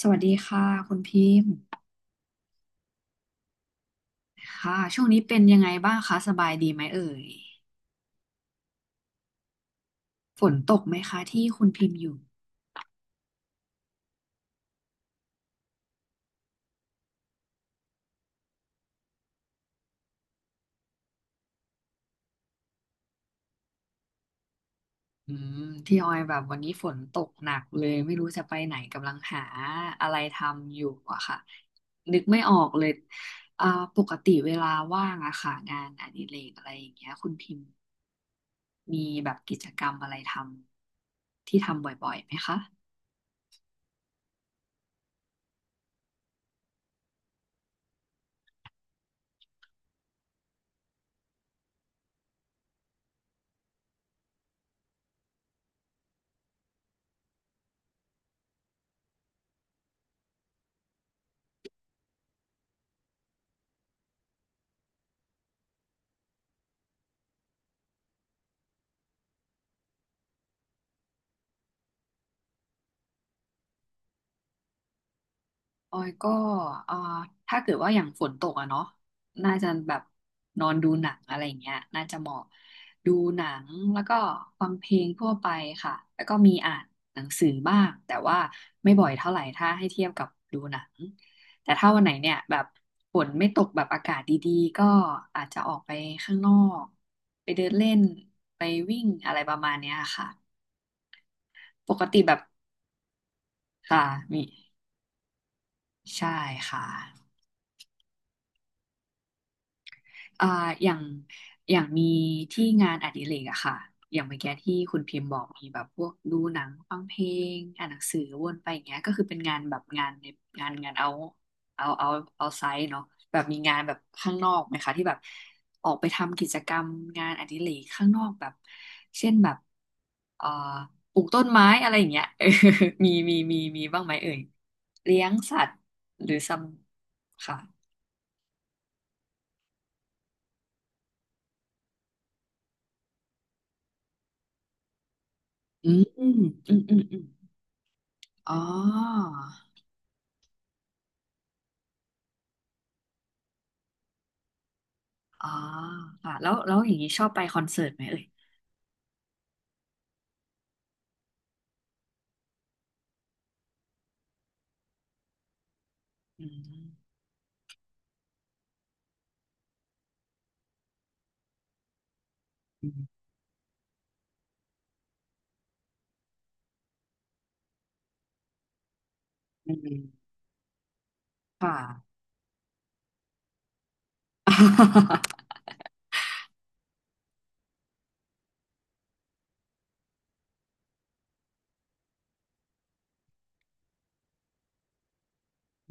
สวัสดีค่ะคุณพิมพ์ค่ะช่วงนี้เป็นยังไงบ้างคะสบายดีไหมเอ่ยฝนตกไหมคะที่คุณพิมพ์อยู่อืมที่ออยแบบวันนี้ฝนตกหนักเลยไม่รู้จะไปไหนกำลังหาอะไรทำอยู่อะค่ะนึกไม่ออกเลยอ่าปกติเวลาว่างอะค่ะงานอดิเรกอะไรอย่างเงี้ยคุณพิมพ์มีแบบกิจกรรมอะไรที่ทำบ่อยๆไหมคะ ออยก็เอ่อถ้าเกิดว่าอย่างฝนตกอะเนาะน่าจะแบบนอนดูหนังอะไรอย่างเงี้ยน่าจะเหมาะดูหนังแล้วก็ฟังเพลงทั่วไปค่ะแล้วก็มีอ่านหนังสือบ้างแต่ว่าไม่บ่อยเท่าไหร่ถ้าให้เทียบกับดูหนังแต่ถ้าวันไหนเนี่ยแบบฝนไม่ตกแบบอากาศดีๆก็อาจจะออกไปข้างนอกไปเดินเล่นไปวิ่งอะไรประมาณเนี้ยค่ะ ปกติแบบค่ะมี ใช่ค่ะ อ่าอย่างอย่างมีที่งานอดิเรกอะค่ะอย่างเมื่อกี้ที่คุณพิมพ์บอกมีแบบพวกดูหนังฟังเพลงอ่านหนังสือวนไปอย่างเงี้ยก็คือเป็นงานแบบงานในงานเอาเอาเอาไซต์เนาะแบบมีงานแบบข้างนอกไหมคะที่แบบออกไปทำกิจกรรมงานอดิเรกข้างนอกแบบเช่นแบบเอ่อปลูกต้นไม้อะไรอย่างเงี้ย เออมีบ้างไหมเอ่ยเลี้ยงสัตว์หรือซัมค่ะอืมอืมอืมอืม อ๋ออ๋อค่ะแล้วอย่างนี้ชอบไปคอนเสิร์ตไหมเอ่ยอืมอืมอืมค่ะ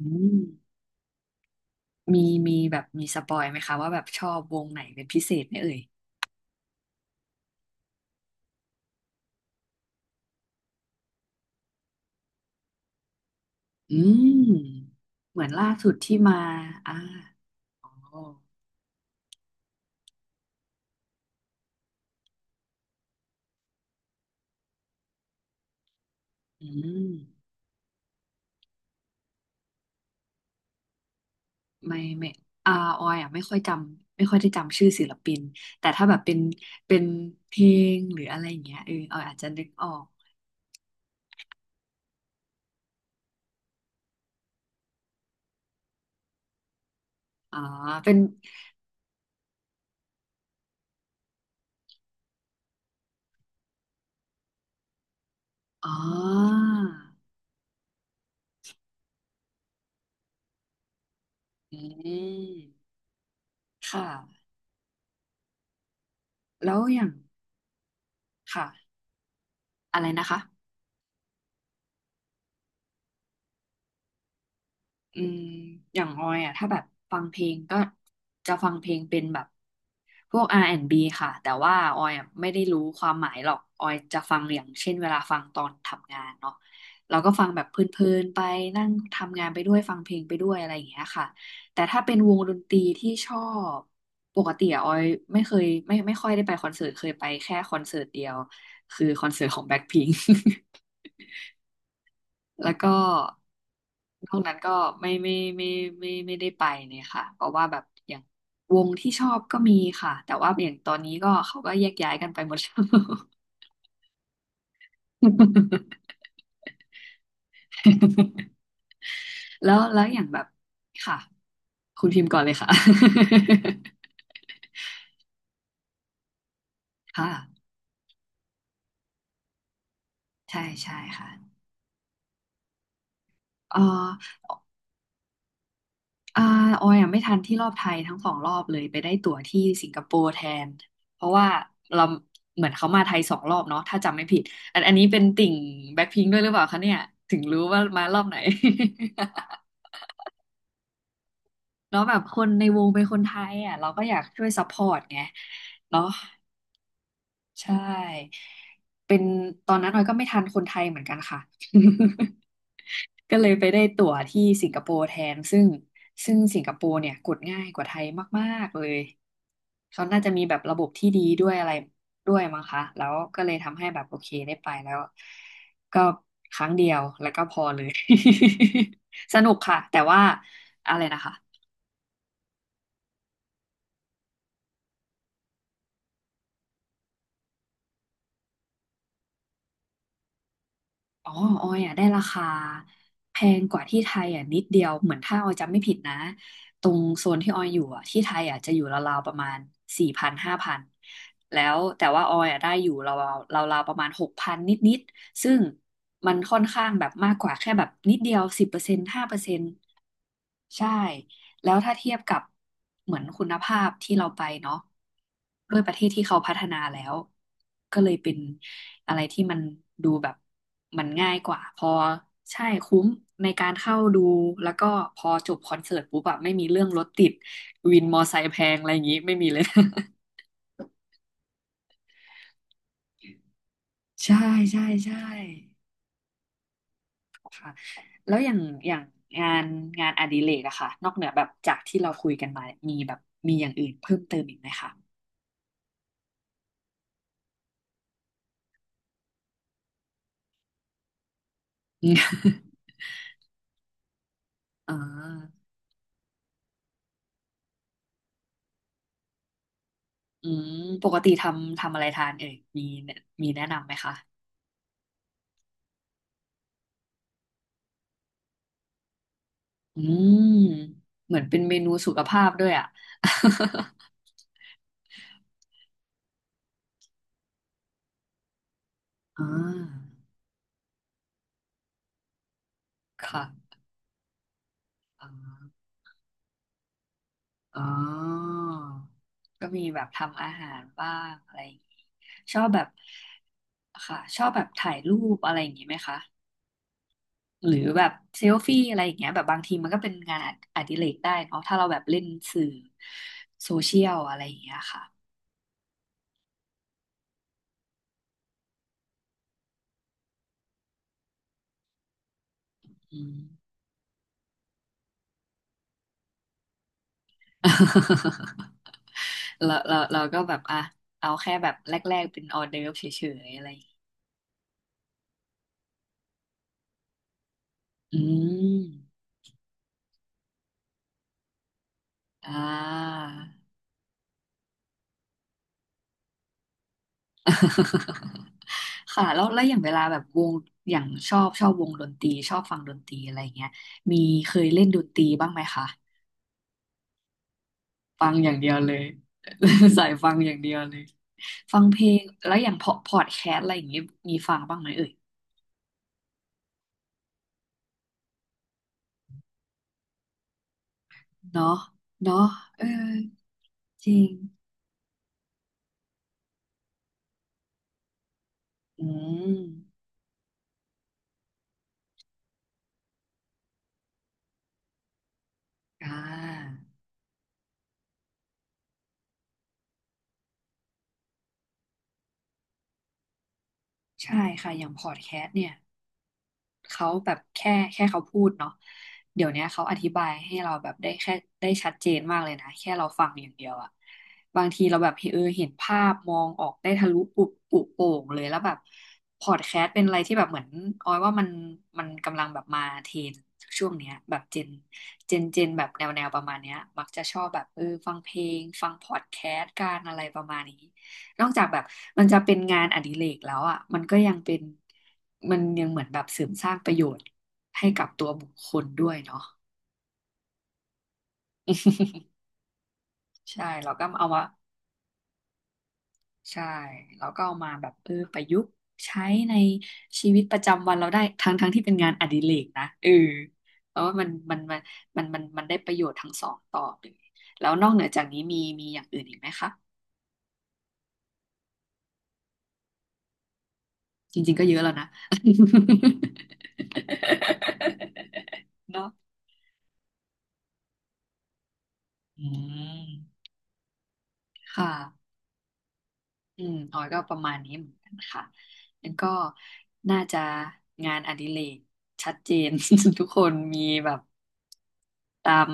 อืมมีมีแบบมีสปอยไหมคะว่าแบบชอบวงไหนเป็นพิเศษไหมเอ่ยอืมเหมือนล่าสุดที่มาอ่าโออืมไม่ไม่อาออยอ่ะไม่ค่อยจำไม่ค่อยได้จำชื่อศิลปินแต่ถ้าแบบเป็นเพลงหรืออะไรอย่างเงี้ยเออออยอาจจะนึกออกอ๋อเป็นอ๋อ อืมค่ะแล้วอย่างค่ะ อะไรนะคะ อืมอย่างออยอ่ะถ้าแบบฟังเพลงก็จะฟังเพลงเป็นแบบพวก R&B ค่ะแต่ว่าออยอ่ะไม่ได้รู้ความหมายหรอกออยจะฟังอย่างเช่นเวลาฟังตอนทำงานเนาะเราก็ฟังแบบเพลินๆไปนั่งทำงานไปด้วยฟังเพลงไปด้วยอะไรอย่างเงี้ยค่ะแต่ถ้าเป็นวงดนตรีที่ชอบปกติอะออยไม่เคยไม่ค่อยได้ไปคอนเสิร์ตเคยไปแค่คอนเสิร์ตเดียวคือคอนเสิร์ตของแบ็คพิงค์ แล้วก็นอกนั้นก็ไม่ไม่ไม่ไม่ได้ไปเลยค่ะ เพราะว่าแบบอย่างวงที่ชอบก็มีค่ะ แต่ว่าอย่างตอนนี้ก็เขาก็แยกย้ายกันไปหมดแล้ว แล้วอย่างแบบค่ะคุณพิมพ์ก่อนเลยค่ะ ค่ะ ใช่ใช่ค่ะเออ อ่าออยอ่ะไม่ทันที่รอบไทยทั้งสองรอบเลยไปได้ตั๋วที่สิงคโปร์แทน เพราะว่าเราเหมือนเขามาไทยสองรอบเนาะถ้าจำไม่ผิดอันนี้เป็นติ่งแบ็คพิงค์ด้วยหรือเปล่าคะเนี่ยถึงรู้ว่ามารอบไหน แล้ว แบบคนในวงเป็นคนไทยอ่ะเราก็อยากช่วยซัพพอร์ตไงเนาะ ใช่เป็นตอนนั้นออยก็ไม่ทันคนไทยเหมือนกันค่ะ ก็เลยไปได้ตั๋วที่สิงคโปร์แทนซึ่งสิงคโปร์เนี่ยกดง่ายกว่าไทยมากๆเลยเขาน่าจะมีแบบระบบที่ดีด้วยอะไรด้วยมั้งคะแล้วก็เลยทำให้แบบโอเคได้ไปแล้วก็ครั้งเดียวแล้วก็พอเลย สนุกค่ะแต่ว่าอะไรนะคะ อ๋อออยอ่ะได้ราคาแพงกว่าที่ไทยอ่ะนิดเดียวเหมือนถ้าออยจำไม่ผิดนะตรงโซนที่ออยอยู่อ่ะที่ไทยอ่ะจะอยู่ราวๆประมาณ4,0005,000แล้วแต่ว่าออยอ่ะได้อยู่ราวๆราวๆประมาณ6,000นิดๆซึ่งมันค่อนข้างแบบมากกว่าแค่แบบนิดเดียว10%5%ใช่ แล้วถ้าเทียบกับเหมือนคุณภาพที่เราไปเนาะด้วยประเทศที่เขาพัฒนาแล้วก็เลยเป็นอะไรที่มันดูแบบมันง่ายกว่าพอใช่คุ้มในการเข้าดูแล้วก็พอจบคอนเสิร์ตปุ๊บแบบไม่มีเรื่องรถติดวินมอไซค์แพงอะไรอย่างงี้ไม่มีเลย ใช่ใช่ใช่แล้วอย่างงานงานอดิเรกอะค่ะนอกเหนือแบบจากที่เราคุยกันมามีแบบมีอย่างอื่นเพิ่มเติมอีกไหมคะ อ่า อืมปกติทำอะไรทานเอ่ยมีแนะนำไหมคะอืมเหมือนเป็นเมนูสุขภาพด้วยอ่ะ อ่าค่ะอ๋ออ๋อก็มีแบบทำอาหารบ้างอะไรอย่างงี้ชอบแบบค่ะชอบแบบถ่ายรูปอะไรอย่างงี้ไหมคะหรือแบบเซลฟี่อะไรอย่างเงี้ยแบบบางทีมันก็เป็นงานออดิเรกได้เนาะถ้าเราแบบเล่นสื่อโซเชียลอะไรอย่างเงี้ยค่ะอืม เราก็แบบอ่ะเอาแค่แบบแรกๆเป็นออเดิร์ฟเฉยๆอะไรอย่างงี้อืมอ่า ค่ะแล้วอย่างเวลาแบบวงอย่างชอบวงดนตรีชอบฟังดนตรีอะไรอย่างเงี้ยมีเคยเล่นดนตรีบ้างไหมคะฟังอย่างเดียวเลย สายฟังอย่างเดียวเลยฟังเพลงแล้วอย่างพอดแคสต์อะไรอย่างเงี้ยมีฟังบ้างไหมเอ่ยเนาะเนาะเออจริงอืม อ่าใช่ค่ะอย่างพอดแคสต์เนี่ยเขาแบบแค่เขาพูดเนาะเดี๋ยวเนี้ยเขาอธิบายให้เราแบบได้แค่ได้ชัดเจนมากเลยนะแค่เราฟังอย่างเดียวอะบางทีเราแบบเออเห็นภาพมองออกได้ทะลุปุบปุโป่งเลยแล้วแบบพอดแคสต์เป็นอะไรที่แบบเหมือนออยว่ามันมันกำลังแบบมาเทรนช่วงเนี้ยแบบเจนเจนแบบแนวประมาณเนี้ยมักจะชอบแบบเออฟังเพลงฟังพอดแคสต์การอะไรประมาณนี้ นอกจากแบบมันจะเป็นงานอดิเรกแล้วอ่ะมันก็ยังเป็นมันยังเหมือนแบบเสริมสร้างประโยชน์ให้กับตัวบุคคลด้วยเนาะใช่เราก็เอามาใช่เราก็เอามาแบบเออประยุกต์ใช้ในชีวิตประจำวันเราได้ทั้งทั้งที่เป็นงานอดิเรกนะเออเพราะว่ามันได้ประโยชน์ทั้งสองต่อเลยแล้วนอกเหนือจากนี้มีมีอย่างอื่นอีกไหมคะจริงๆก็เยอะแล้วนะ เนาะอืม ค่ะอืมออยก็ประมาณนี้เหมือนกันค่ะแล้วก็น่าจะงานอดิเรกชัดเจน ทุกคนมีแบบตาม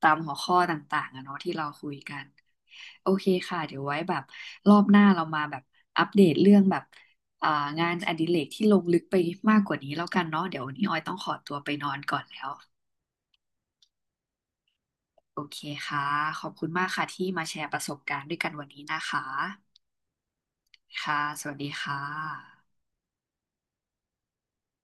ตามหัวข้อต่างๆอะเนาะที่เราคุยกันโอเคค่ะเดี๋ยวไว้แบบรอบหน้าเรามาแบบอัปเดตเรื่องแบบอ่างานอดิเรกที่ลงลึกไปมากกว่านี้แล้วกันเนาะเดี๋ยววันนี้ออยต้องขอตัวไปนอนก่อนแล้วโอเคค่ะขอบคุณมากค่ะที่มาแชร์ประสบการณ์ด้วยกันวันนี้นะคะค่ะสวัสดีค่ะ